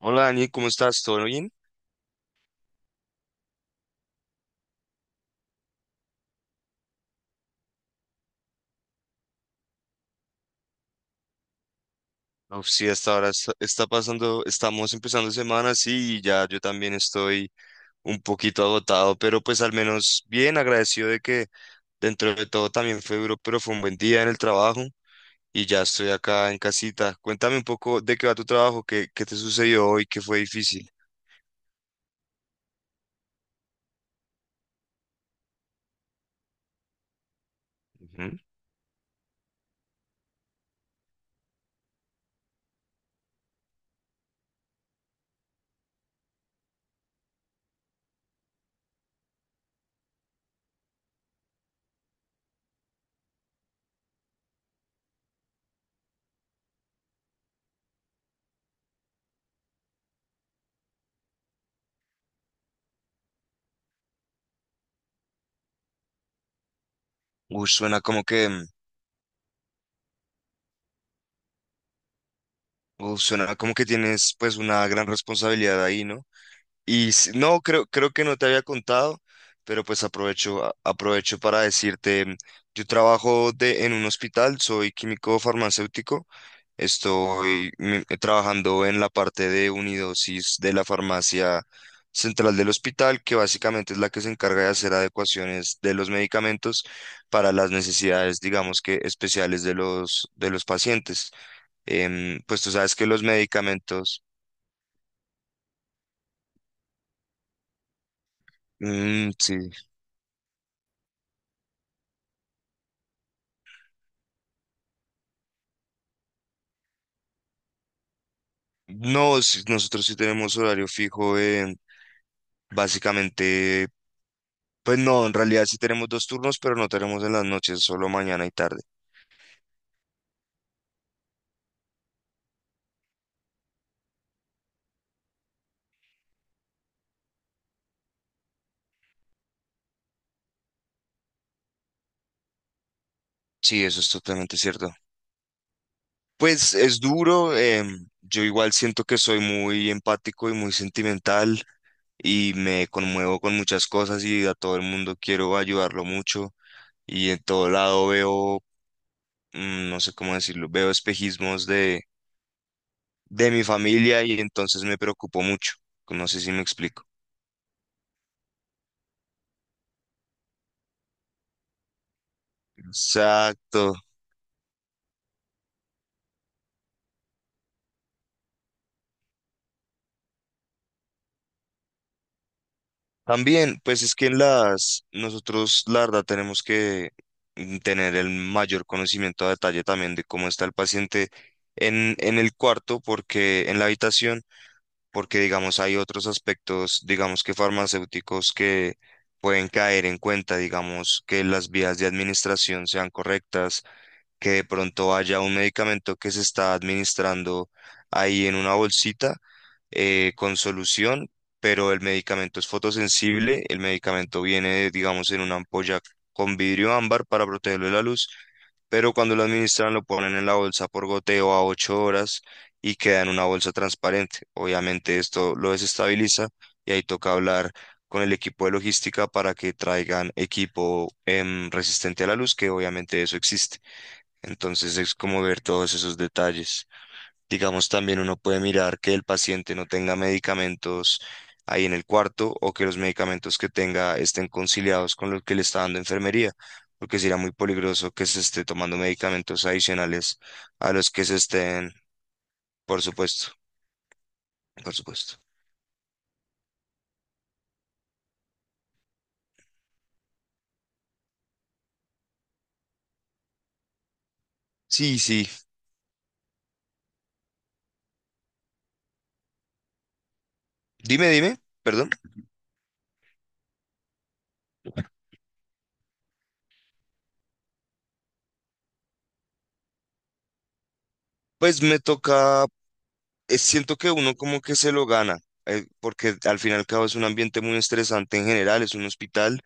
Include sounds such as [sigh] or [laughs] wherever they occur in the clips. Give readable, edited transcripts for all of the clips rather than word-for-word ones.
Hola Dani, ¿cómo estás? ¿Todo bien? Uf, sí, hasta ahora está pasando, estamos empezando semana, sí, y ya yo también estoy un poquito agotado, pero pues al menos bien agradecido de que dentro de todo también fue duro, pero fue un buen día en el trabajo y ya estoy acá en casita. Cuéntame un poco de qué va tu trabajo, qué te sucedió hoy, qué fue difícil. Ujú. Uy, suena como que, uf, suena como que tienes pues una gran responsabilidad ahí, ¿no? Y s- no, creo que no te había contado, pero pues aprovecho, aprovecho para decirte, yo trabajo de, en un hospital, soy químico farmacéutico, estoy trabajando en la parte de unidosis de la farmacia central del hospital, que básicamente es la que se encarga de hacer adecuaciones de los medicamentos para las necesidades, digamos que especiales de los, pacientes. Em, pues tú sabes que los medicamentos... Mm, sí. No, sí, nosotros sí tenemos horario fijo, básicamente, pues no, en realidad sí tenemos dos turnos, pero no tenemos en las noches, solo mañana y tarde. Sí, eso es totalmente cierto. Pues es duro, em, yo igual siento que soy muy empático y muy sentimental y me conmuevo con muchas cosas y a todo el mundo quiero ayudarlo mucho y en todo lado veo, no sé cómo decirlo, veo espejismos de mi familia y entonces me preocupo mucho. No sé si me explico. Exacto. También, pues es que en las, nosotros, la verdad, tenemos que tener el mayor conocimiento a detalle también de cómo está el paciente en el cuarto, porque en la habitación, porque digamos hay otros aspectos, digamos que farmacéuticos que pueden caer en cuenta, digamos que las vías de administración sean correctas, que de pronto haya un medicamento que se está administrando ahí en una bolsita con solución, pero el medicamento es fotosensible, el medicamento viene, digamos, en una ampolla con vidrio ámbar para protegerlo de la luz, pero cuando lo administran lo ponen en la bolsa por goteo a 8 horas y queda en una bolsa transparente. Obviamente esto lo desestabiliza y ahí toca hablar con el equipo de logística para que traigan equipo resistente a la luz, que obviamente eso existe. Entonces es como ver todos esos detalles. Digamos, también uno puede mirar que el paciente no tenga medicamentos ahí en el cuarto o que los medicamentos que tenga estén conciliados con los que le está dando enfermería, porque sería muy peligroso que se esté tomando medicamentos adicionales a los que se estén, por supuesto, por supuesto. Sí, sí. Dime, dime, perdón. Pues me toca, siento que uno como que se lo gana, porque al fin y al cabo es un ambiente muy estresante en general, es un hospital.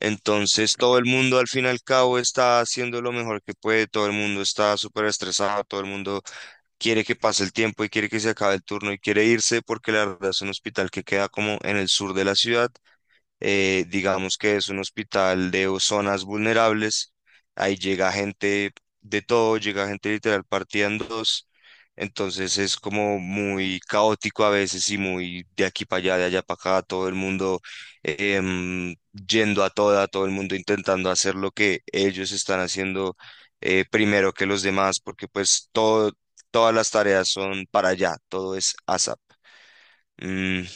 Entonces todo el mundo al fin y al cabo está haciendo lo mejor que puede, todo el mundo está súper estresado, todo el mundo quiere que pase el tiempo y quiere que se acabe el turno y quiere irse porque la verdad es un hospital que queda como en el sur de la ciudad, digamos que es un hospital de o- zonas vulnerables, ahí llega gente de todo, llega gente literal partida en dos, entonces es como muy caótico a veces y muy de aquí para allá, de allá para acá, todo el mundo em, yendo a toda, todo el mundo intentando hacer lo que ellos están haciendo primero que los demás, porque pues todo, todas las tareas son para allá, todo es ASAP. Mm.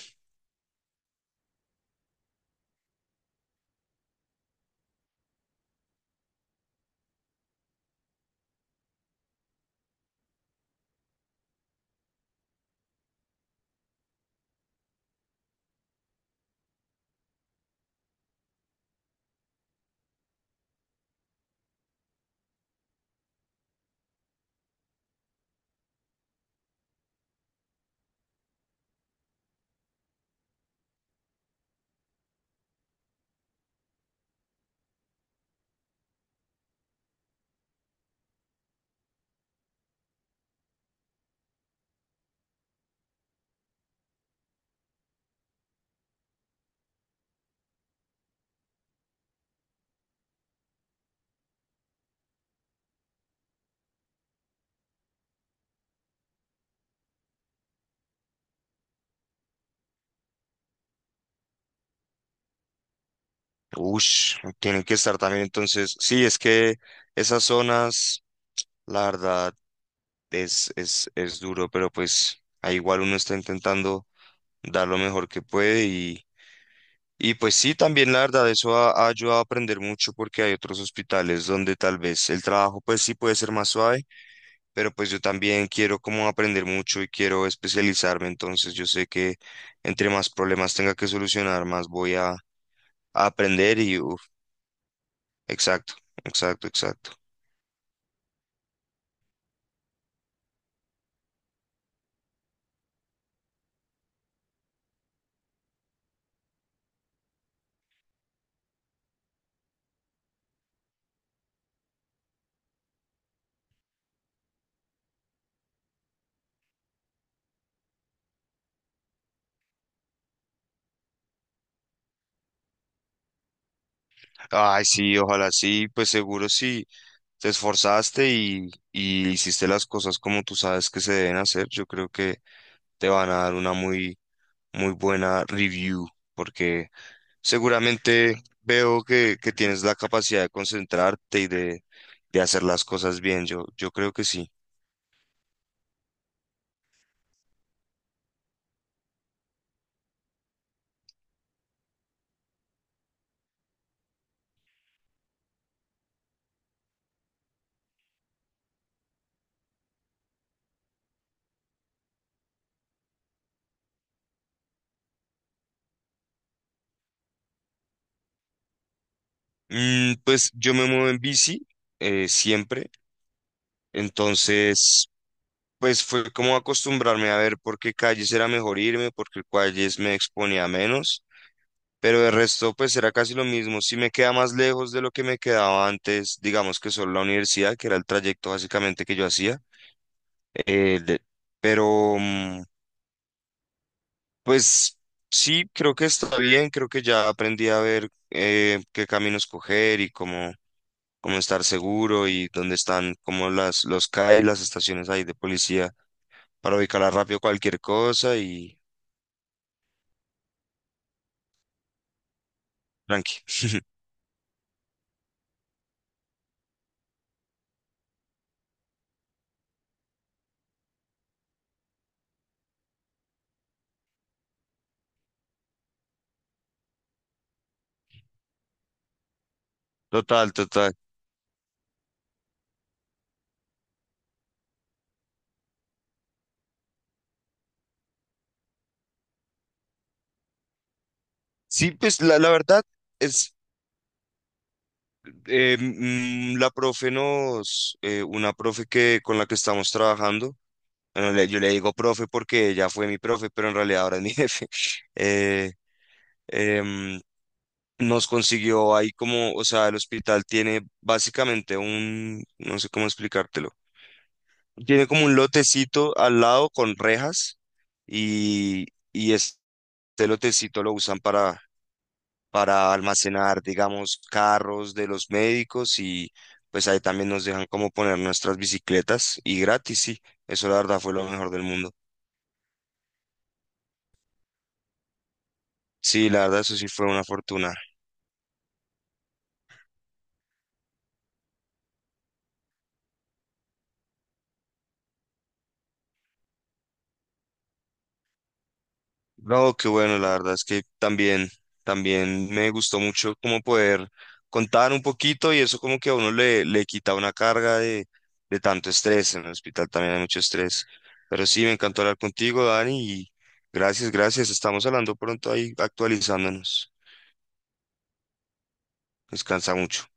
Ush, tienen que estar también entonces. Sí, es que esas zonas, la verdad, es duro, pero pues ahí igual uno está intentando dar lo mejor que puede y pues sí, también la verdad, eso ha ayudado a aprender mucho porque hay otros hospitales donde tal vez el trabajo pues sí puede ser más suave, pero pues yo también quiero como aprender mucho y quiero especializarme, entonces yo sé que entre más problemas tenga que solucionar, más voy a aprender y, uf, exacto, exacto, exacto. Ay, sí, ojalá sí, pues seguro si te esforzaste y hiciste las cosas como tú sabes que se deben hacer, yo creo que te van a dar una muy, muy buena review, porque seguramente veo que tienes la capacidad de concentrarte y de hacer las cosas bien, yo creo que sí. Mm, pues yo me muevo en bici, siempre, entonces... Pues fue como acostumbrarme a ver por qué calles era mejor irme, por qué calles me exponía menos. Pero de resto, pues era casi lo mismo. Si me queda más lejos de lo que me quedaba antes, digamos que solo la universidad, que era el trayecto básicamente que yo hacía. De- pero, mm, pues sí, creo que está bien, creo que ya aprendí a ver qué caminos coger y cómo, cómo estar seguro y dónde están como las, los CAE, las estaciones ahí de policía para ubicar rápido cualquier cosa y tranqui. Total, total. Sí, pues la verdad. Es eh, la profe nos, una profe que con la que estamos trabajando, bueno, le- yo le digo profe porque ella fue mi profe, pero en realidad ahora es mi jefe, [laughs] eh, em, nos consiguió ahí como, o sea, el hospital tiene básicamente un, no sé cómo explicártelo, tiene como un lotecito al lado con rejas y, y este lotecito lo usan para almacenar, digamos, carros de los médicos y pues ahí también nos dejan como poner nuestras bicicletas y gratis, sí. Eso la verdad fue lo mejor del mundo. Sí, la verdad eso sí fue una fortuna. No, qué bueno, la verdad es que también me gustó mucho como poder contar un poquito y eso como que a uno le quita una carga de tanto estrés. En el hospital también hay mucho estrés. Pero sí, me encantó hablar contigo, Dani, y gracias, gracias. Estamos hablando pronto ahí, actualizándonos. Descansa mucho.